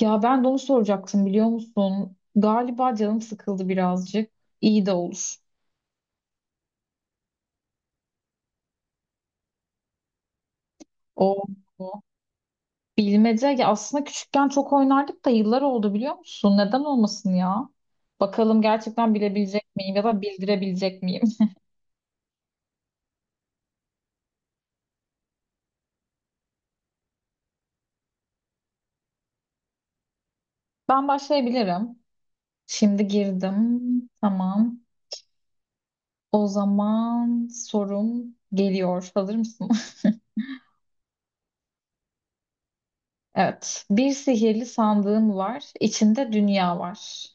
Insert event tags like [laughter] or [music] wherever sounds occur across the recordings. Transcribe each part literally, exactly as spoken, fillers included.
Ya ben de onu soracaktım biliyor musun? Galiba canım sıkıldı birazcık. İyi de olur. O bu. Bilmece ya aslında küçükken çok oynardık da yıllar oldu biliyor musun? Neden olmasın ya? Bakalım gerçekten bilebilecek miyim ya da bildirebilecek miyim? [laughs] Ben başlayabilirim. Şimdi girdim. Tamam. O zaman sorum geliyor. Hazır mısın? [laughs] Evet. Bir sihirli sandığım var. İçinde dünya var.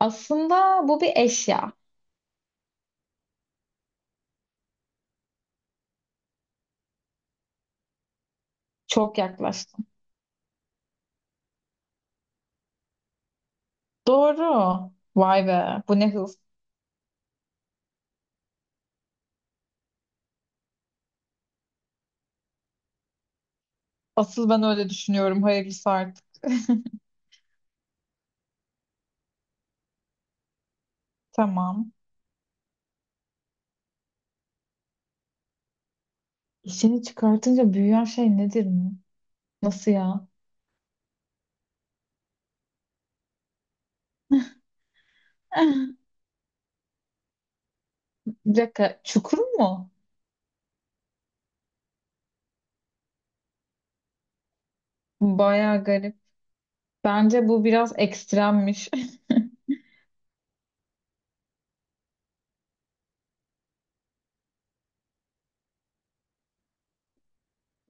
Aslında bu bir eşya. Çok yaklaştın. Doğru. Vay be. Bu ne hız. Asıl ben öyle düşünüyorum. Hayırlısı artık. [laughs] Tamam. İşini çıkartınca büyüyen şey nedir mi? Nasıl ya? [laughs] Bir dakika. Çukur mu? Baya garip. Bence bu biraz ekstremmiş. [laughs]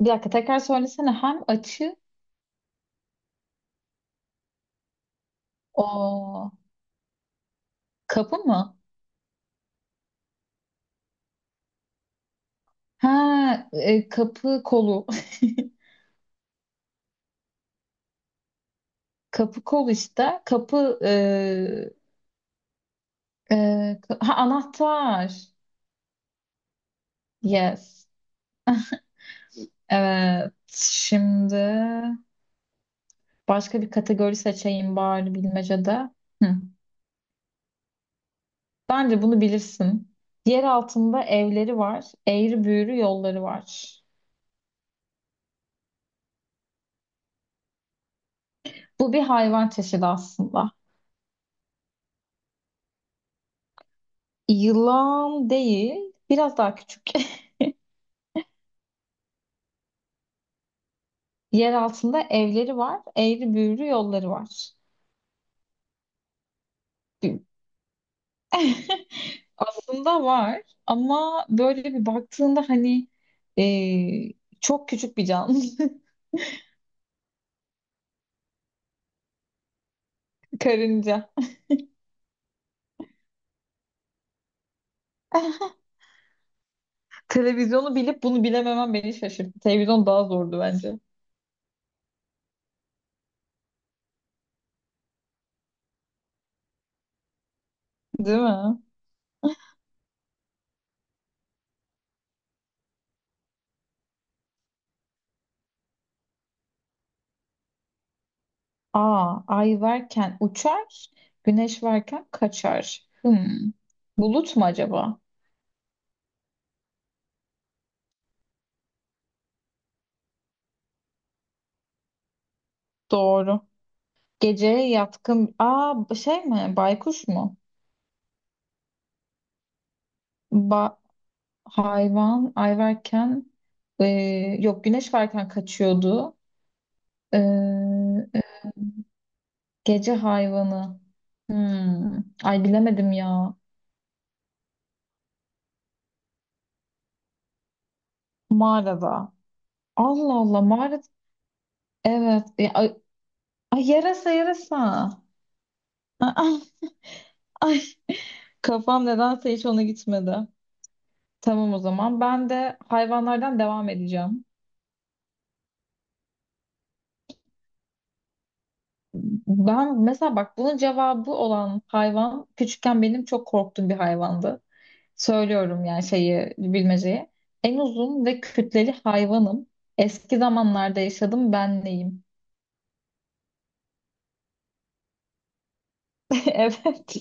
Bir dakika tekrar söylesene. Hem açı o Kapı mı? Ha e, kapı kolu. [laughs] Kapı kol işte. Kapı e, e, ka- ha, anahtar. Yes. Evet, şimdi başka bir kategori seçeyim bari bilmecede. Hı. Bence bunu bilirsin. Yer altında evleri var, eğri büğrü yolları var. Bu bir hayvan çeşidi aslında. Yılan değil, biraz daha küçük. [laughs] Yer altında evleri var, eğri büğrü yolları var. Bir- Aslında var ama böyle bir baktığında hani e, çok küçük bir canlı. [laughs] Karınca. [laughs] Televizyonu bilip bunu bilememem beni şaşırttı. Televizyon daha zordu bence. Değil mi? Aa, ay varken uçar, güneş varken kaçar. Hmm. Bulut mu acaba? Doğru. Geceye yatkın. Aa, şey mi? Baykuş mu? Ba hayvan ay varken e, yok güneş varken kaçıyordu. E, e, Gece hayvanı. Hmm. Ay bilemedim ya. Mağarada. Allah Allah mağarada. Evet. Ya, ay yarasa yarasa. Aa, ay kafam nedense hiç ona gitmedi. Tamam o zaman ben de hayvanlardan devam edeceğim. Ben mesela bak bunun cevabı olan hayvan küçükken benim çok korktuğum bir hayvandı. Söylüyorum yani şeyi bilmeceyi. En uzun ve kütleli hayvanım. Eski zamanlarda yaşadım ben neyim? [laughs] Evet.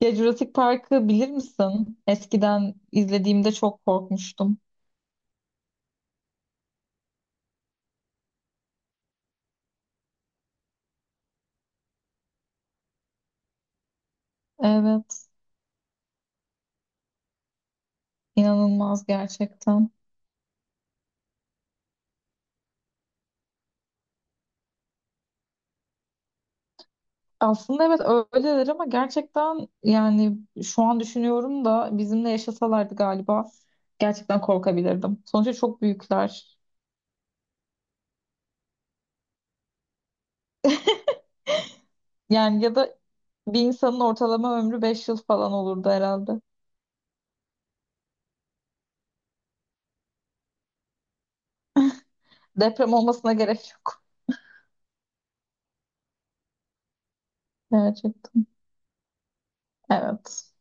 Ya Jurassic Park'ı bilir misin? Eskiden izlediğimde çok korkmuştum. Evet. İnanılmaz gerçekten. Aslında evet öyledir ama gerçekten yani şu an düşünüyorum da bizimle yaşasalardı galiba gerçekten korkabilirdim. Sonuçta çok büyükler. Yani ya da bir insanın ortalama ömrü beş yıl falan olurdu herhalde. Deprem olmasına gerek yok. Gerçekten. Evet.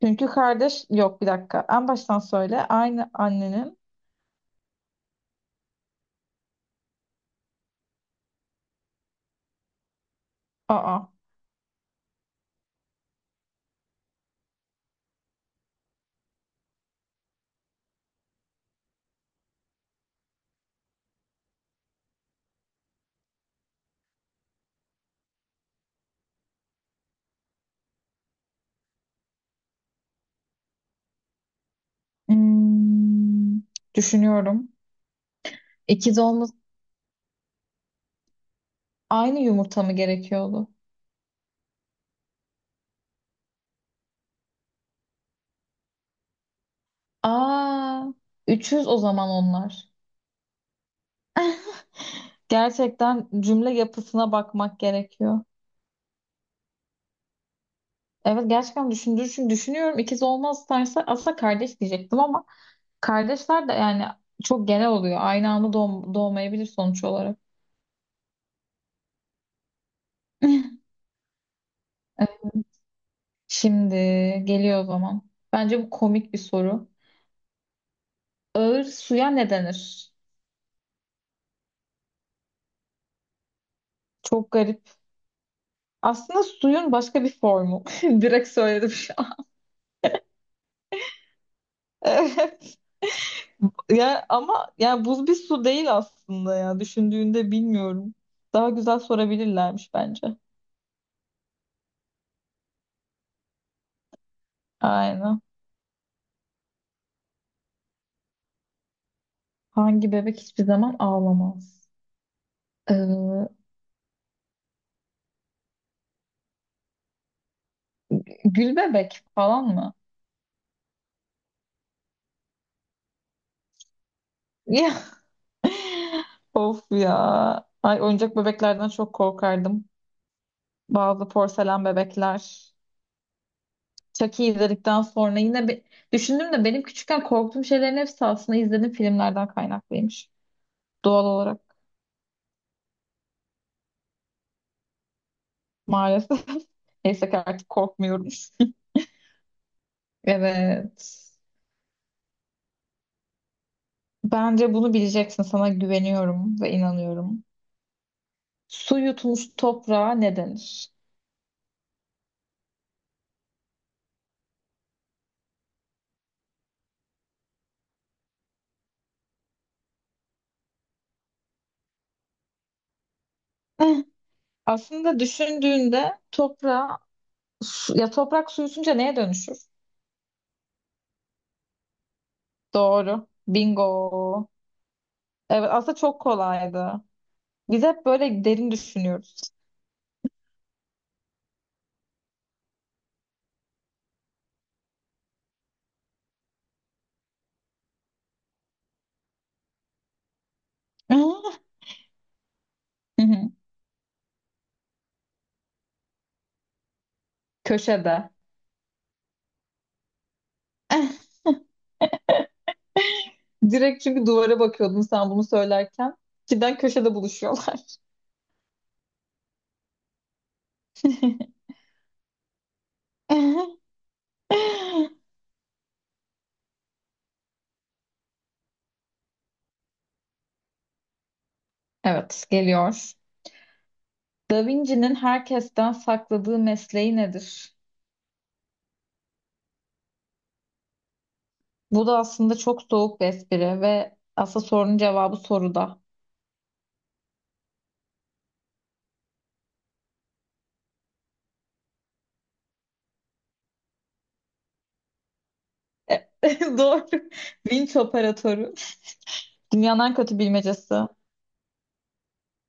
Çünkü kardeş yok bir dakika. En baştan söyle. Aynı annenin. Aa. Hmm, düşünüyorum. İkiz olması aynı yumurta mı gerekiyordu? Aa, üç yüz o zaman onlar. Gerçekten cümle yapısına bakmak gerekiyor. Evet gerçekten düşündüğü için düşünüyorum. İkiz olmaz derse aslında kardeş diyecektim ama kardeşler de yani çok genel oluyor. Aynı anda doğ- doğmayabilir sonuç olarak. [laughs] Evet, şimdi geliyor o zaman. Bence bu komik bir soru. Ağır suya ne denir? Çok garip. Aslında suyun başka bir formu. [laughs] Direkt söyledim şu an. [laughs] Ya ama yani buz bir su değil aslında ya düşündüğünde bilmiyorum. Daha güzel sorabilirlermiş bence. Aynen. Hangi bebek hiçbir zaman ağlamaz? Ee, Gül bebek falan mı? Ya [laughs] of ya. Ay oyuncak bebeklerden çok korkardım. Bazı porselen bebekler. Chucky izledikten sonra yine bir düşündüm de benim küçükken korktuğum şeylerin hepsi aslında izlediğim filmlerden kaynaklıymış. Doğal olarak maalesef. [laughs] Neyse ki artık korkmuyorum. Evet. Bence bunu bileceksin. Sana güveniyorum ve inanıyorum. Su yutmuş toprağa ne denir? [laughs] Aslında düşündüğünde toprağa su- ya toprak su yutunca neye dönüşür? Doğru. Bingo. Evet aslında çok kolaydı. Biz hep böyle derin düşünüyoruz. [laughs] Hı hı. Köşede. [laughs] Direkt çünkü duvara bakıyordum sen bunu söylerken. Cidden köşede buluşuyorlar. [laughs] Evet geliyor. Da Vinci'nin herkesten sakladığı mesleği nedir? Bu da aslında çok soğuk bir espri ve aslında sorunun cevabı soruda. E, [laughs] Doğru. Vinç operatörü. Dünyanın en kötü bilmecesi.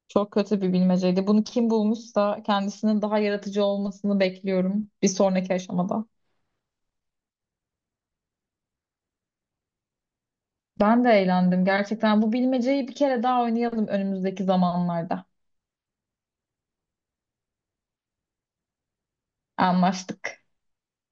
Çok kötü bir bilmeceydi. Bunu kim bulmuşsa kendisinin daha yaratıcı olmasını bekliyorum bir sonraki aşamada. Ben de eğlendim gerçekten. Bu bilmeceyi bir kere daha oynayalım önümüzdeki zamanlarda. Anlaştık.